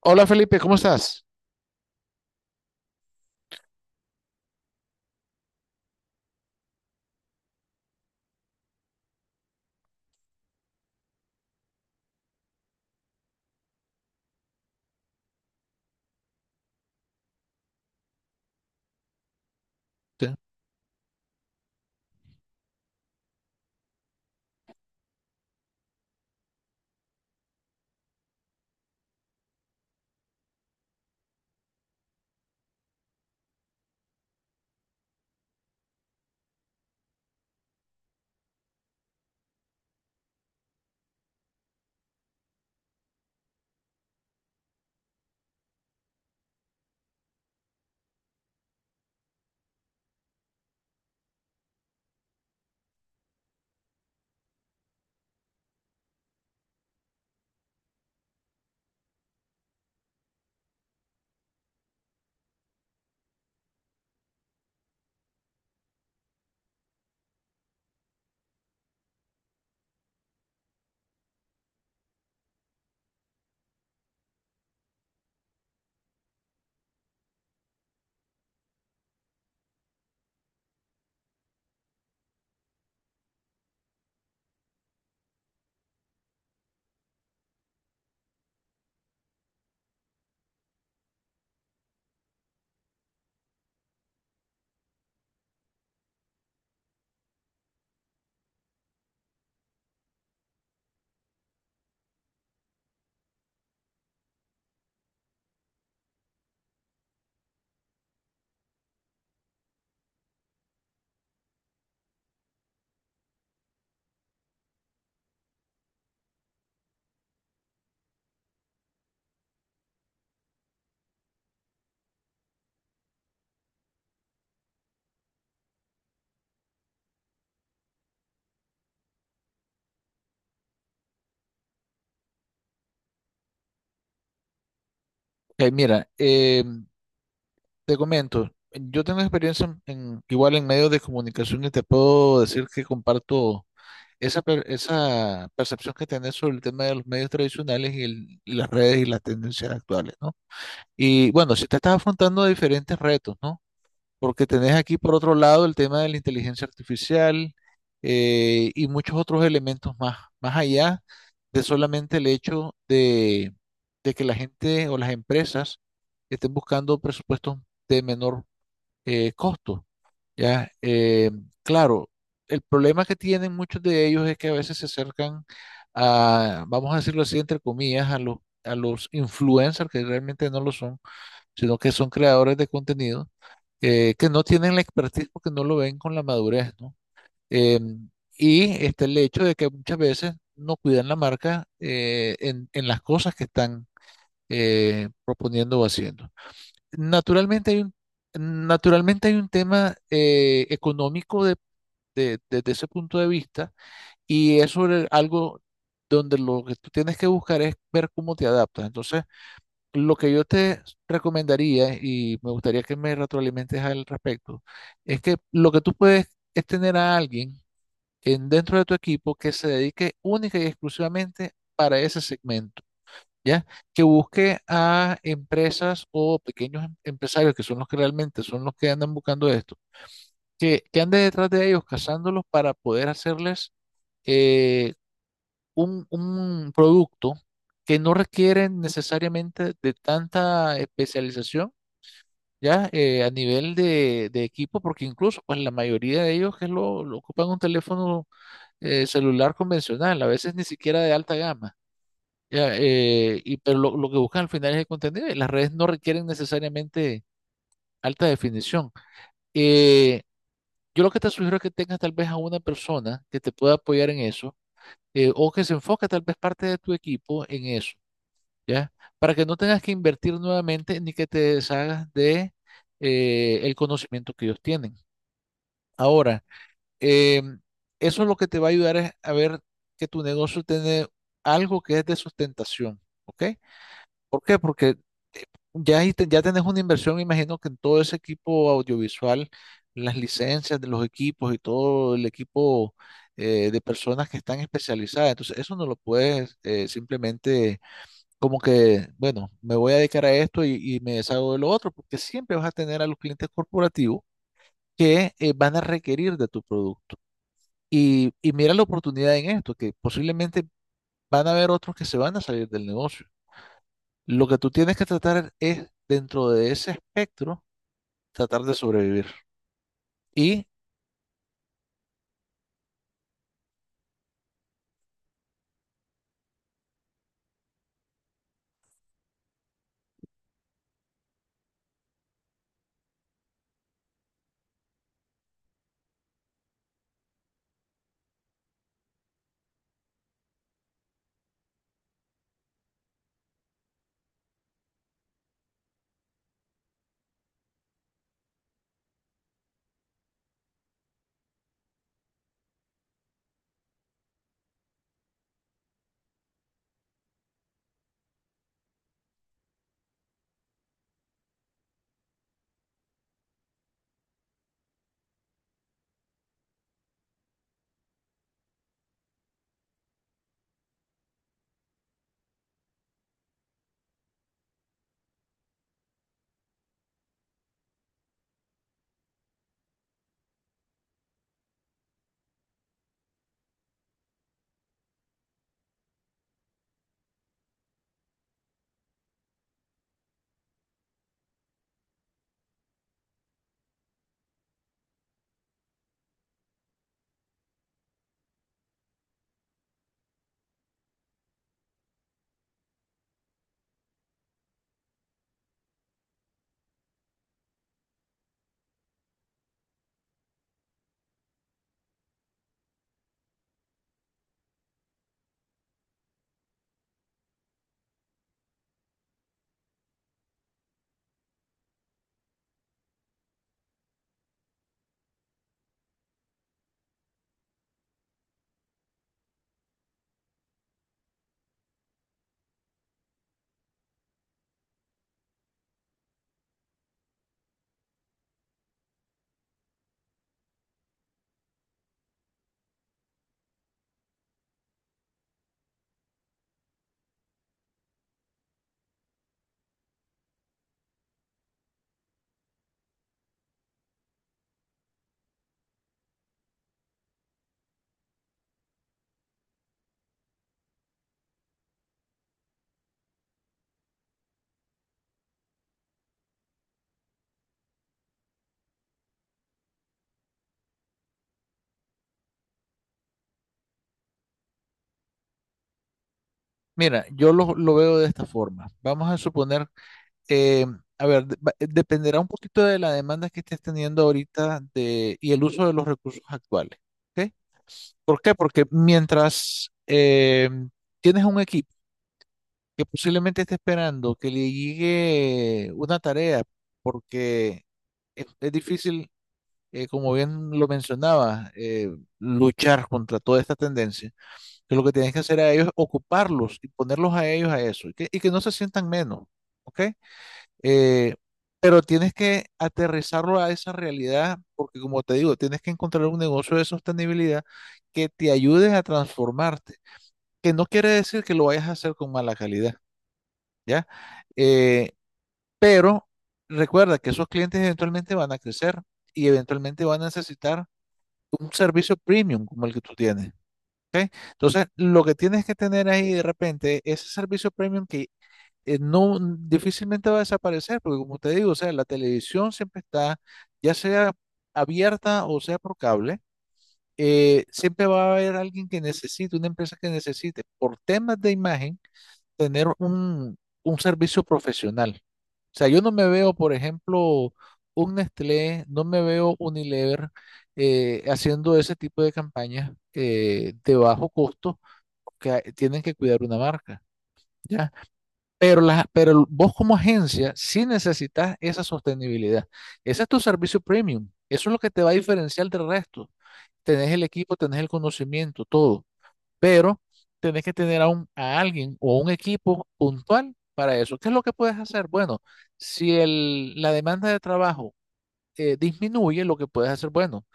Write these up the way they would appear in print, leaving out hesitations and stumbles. Hola Felipe, ¿cómo estás? Sí. Eh, mira, eh, te comento, yo tengo experiencia en, igual en medios de comunicación y te puedo decir que comparto esa percepción que tenés sobre el tema de los medios tradicionales y, y las redes y las tendencias actuales, ¿no? Y bueno, si te estás afrontando a diferentes retos, ¿no? Porque tenés aquí por otro lado el tema de la inteligencia artificial y muchos otros elementos más, más allá de solamente el hecho de que la gente o las empresas estén buscando presupuestos de menor costo, ¿ya? Claro, el problema que tienen muchos de ellos es que a veces se acercan a, vamos a decirlo así, entre comillas, a los influencers que realmente no lo son, sino que son creadores de contenido que no tienen la expertise porque no lo ven con la madurez, ¿no? Em, y este, el hecho de que muchas veces no cuidan la marca en las cosas que están proponiendo o haciendo. Naturalmente hay un, naturalmente hay un tema económico desde ese punto de vista y es sobre algo donde lo que tú tienes que buscar es ver cómo te adaptas. Entonces, lo que yo te recomendaría, y me gustaría que me retroalimentes al respecto, es que lo que tú puedes es tener a alguien en, dentro de tu equipo que se dedique única y exclusivamente para ese segmento, ¿ya? Que busque a empresas o pequeños empresarios, que son los que realmente son los que andan buscando esto, que ande detrás de ellos, cazándolos para poder hacerles eh, un producto que no requiere necesariamente de tanta especialización ya a nivel de equipo, porque incluso pues la mayoría de ellos que lo ocupan un teléfono celular convencional, a veces ni siquiera de alta gama. Ya, y, pero lo que buscan al final es el contenido y las redes no requieren necesariamente alta definición. Eh, yo lo que te sugiero es que tengas tal vez a una persona que te pueda apoyar en eso o que se enfoque tal vez parte de tu equipo en eso, ¿ya? Para que no tengas que invertir nuevamente ni que te deshagas de el conocimiento que ellos tienen. Ahora, eh, eso es lo que te va a ayudar es a ver que tu negocio tiene algo que es de sustentación, ¿ok? ¿Por qué? Porque eh, ya, ahí ya tenés una inversión, me imagino que en todo ese equipo audiovisual, las licencias de los equipos y todo el equipo de personas que están especializadas. Entonces, eso no lo puedes simplemente como que, bueno, me voy a dedicar a esto y me deshago de lo otro, porque siempre vas a tener a los clientes corporativos que van a requerir de tu producto. Y mira la oportunidad en esto, que posiblemente van a haber otros que se van a salir del negocio. Lo que tú tienes que tratar es, dentro de ese espectro, tratar de sobrevivir. Y mira, yo lo veo de esta forma. Vamos a suponer, eh, a ver, dependerá un poquito de la demanda que estés teniendo ahorita de, y el uso de los recursos actuales. ¿Ok? ¿Por qué? Porque mientras tienes un equipo, que posiblemente esté esperando que le llegue una tarea, porque es difícil, como bien lo mencionaba, luchar contra toda esta tendencia, que lo que tienes que hacer a ellos es ocuparlos y ponerlos a ellos a eso, y que no se sientan menos, ¿ok? Eh, pero tienes que aterrizarlo a esa realidad, porque como te digo, tienes que encontrar un negocio de sostenibilidad que te ayude a transformarte, que no quiere decir que lo vayas a hacer con mala calidad. ¿Ya? Eh, pero recuerda que esos clientes eventualmente van a crecer y eventualmente van a necesitar un servicio premium como el que tú tienes. Entonces, lo que tienes que tener ahí de repente, ese servicio premium que no difícilmente va a desaparecer, porque como te digo, o sea, la televisión siempre está, ya sea abierta o sea por cable, siempre va a haber alguien que necesite, una empresa que necesite, por temas de imagen, tener un servicio profesional. O sea, yo no me veo, por ejemplo, un Nestlé, no me veo Unilever haciendo ese tipo de campañas de bajo costo que tienen que cuidar una marca, ¿ya? Pero, la, pero vos como agencia sí necesitas esa sostenibilidad. Ese es tu servicio premium. Eso es lo que te va a diferenciar del resto. Tenés el equipo, tenés el conocimiento, todo pero tenés que tener a, un, a alguien o un equipo puntual para eso. ¿Qué es lo que puedes hacer? Bueno, si el, la demanda de trabajo disminuye, lo que puedes hacer, bueno,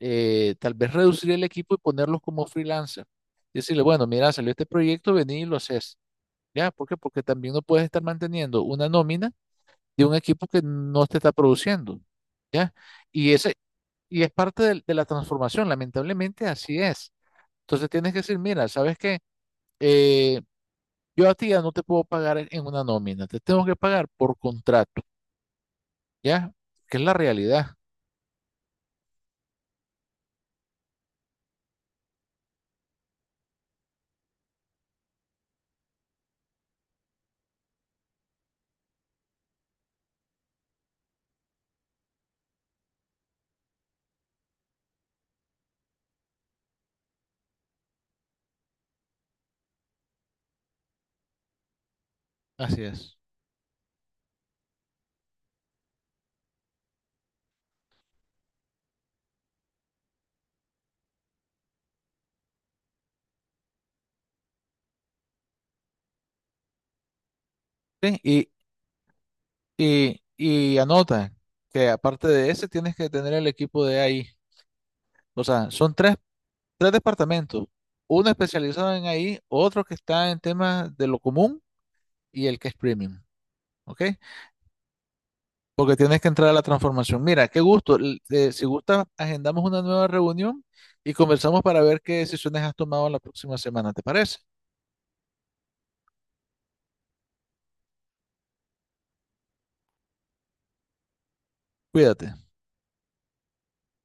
tal vez reducir el equipo y ponerlos como freelancer. Decirle, bueno, mira, salió este proyecto, vení y lo haces. ¿Ya? ¿Por qué? Porque también no puedes estar manteniendo una nómina de un equipo que no te está produciendo. ¿Ya? Y ese, y es parte de la transformación, lamentablemente así es. Entonces tienes que decir, mira, ¿sabes qué? Eh, yo a ti ya no te puedo pagar en una nómina, te tengo que pagar por contrato, ¿ya? Que es la realidad. Así es. Sí, y anota que aparte de ese tienes que tener el equipo de ahí. O sea, son tres, tres departamentos. Uno especializado en ahí, otro que está en temas de lo común y el que es premium. ¿Ok? Porque tienes que entrar a la transformación. Mira, qué gusto. Si gusta, agendamos una nueva reunión y conversamos para ver qué decisiones has tomado la próxima semana. ¿Te parece? Cuídate.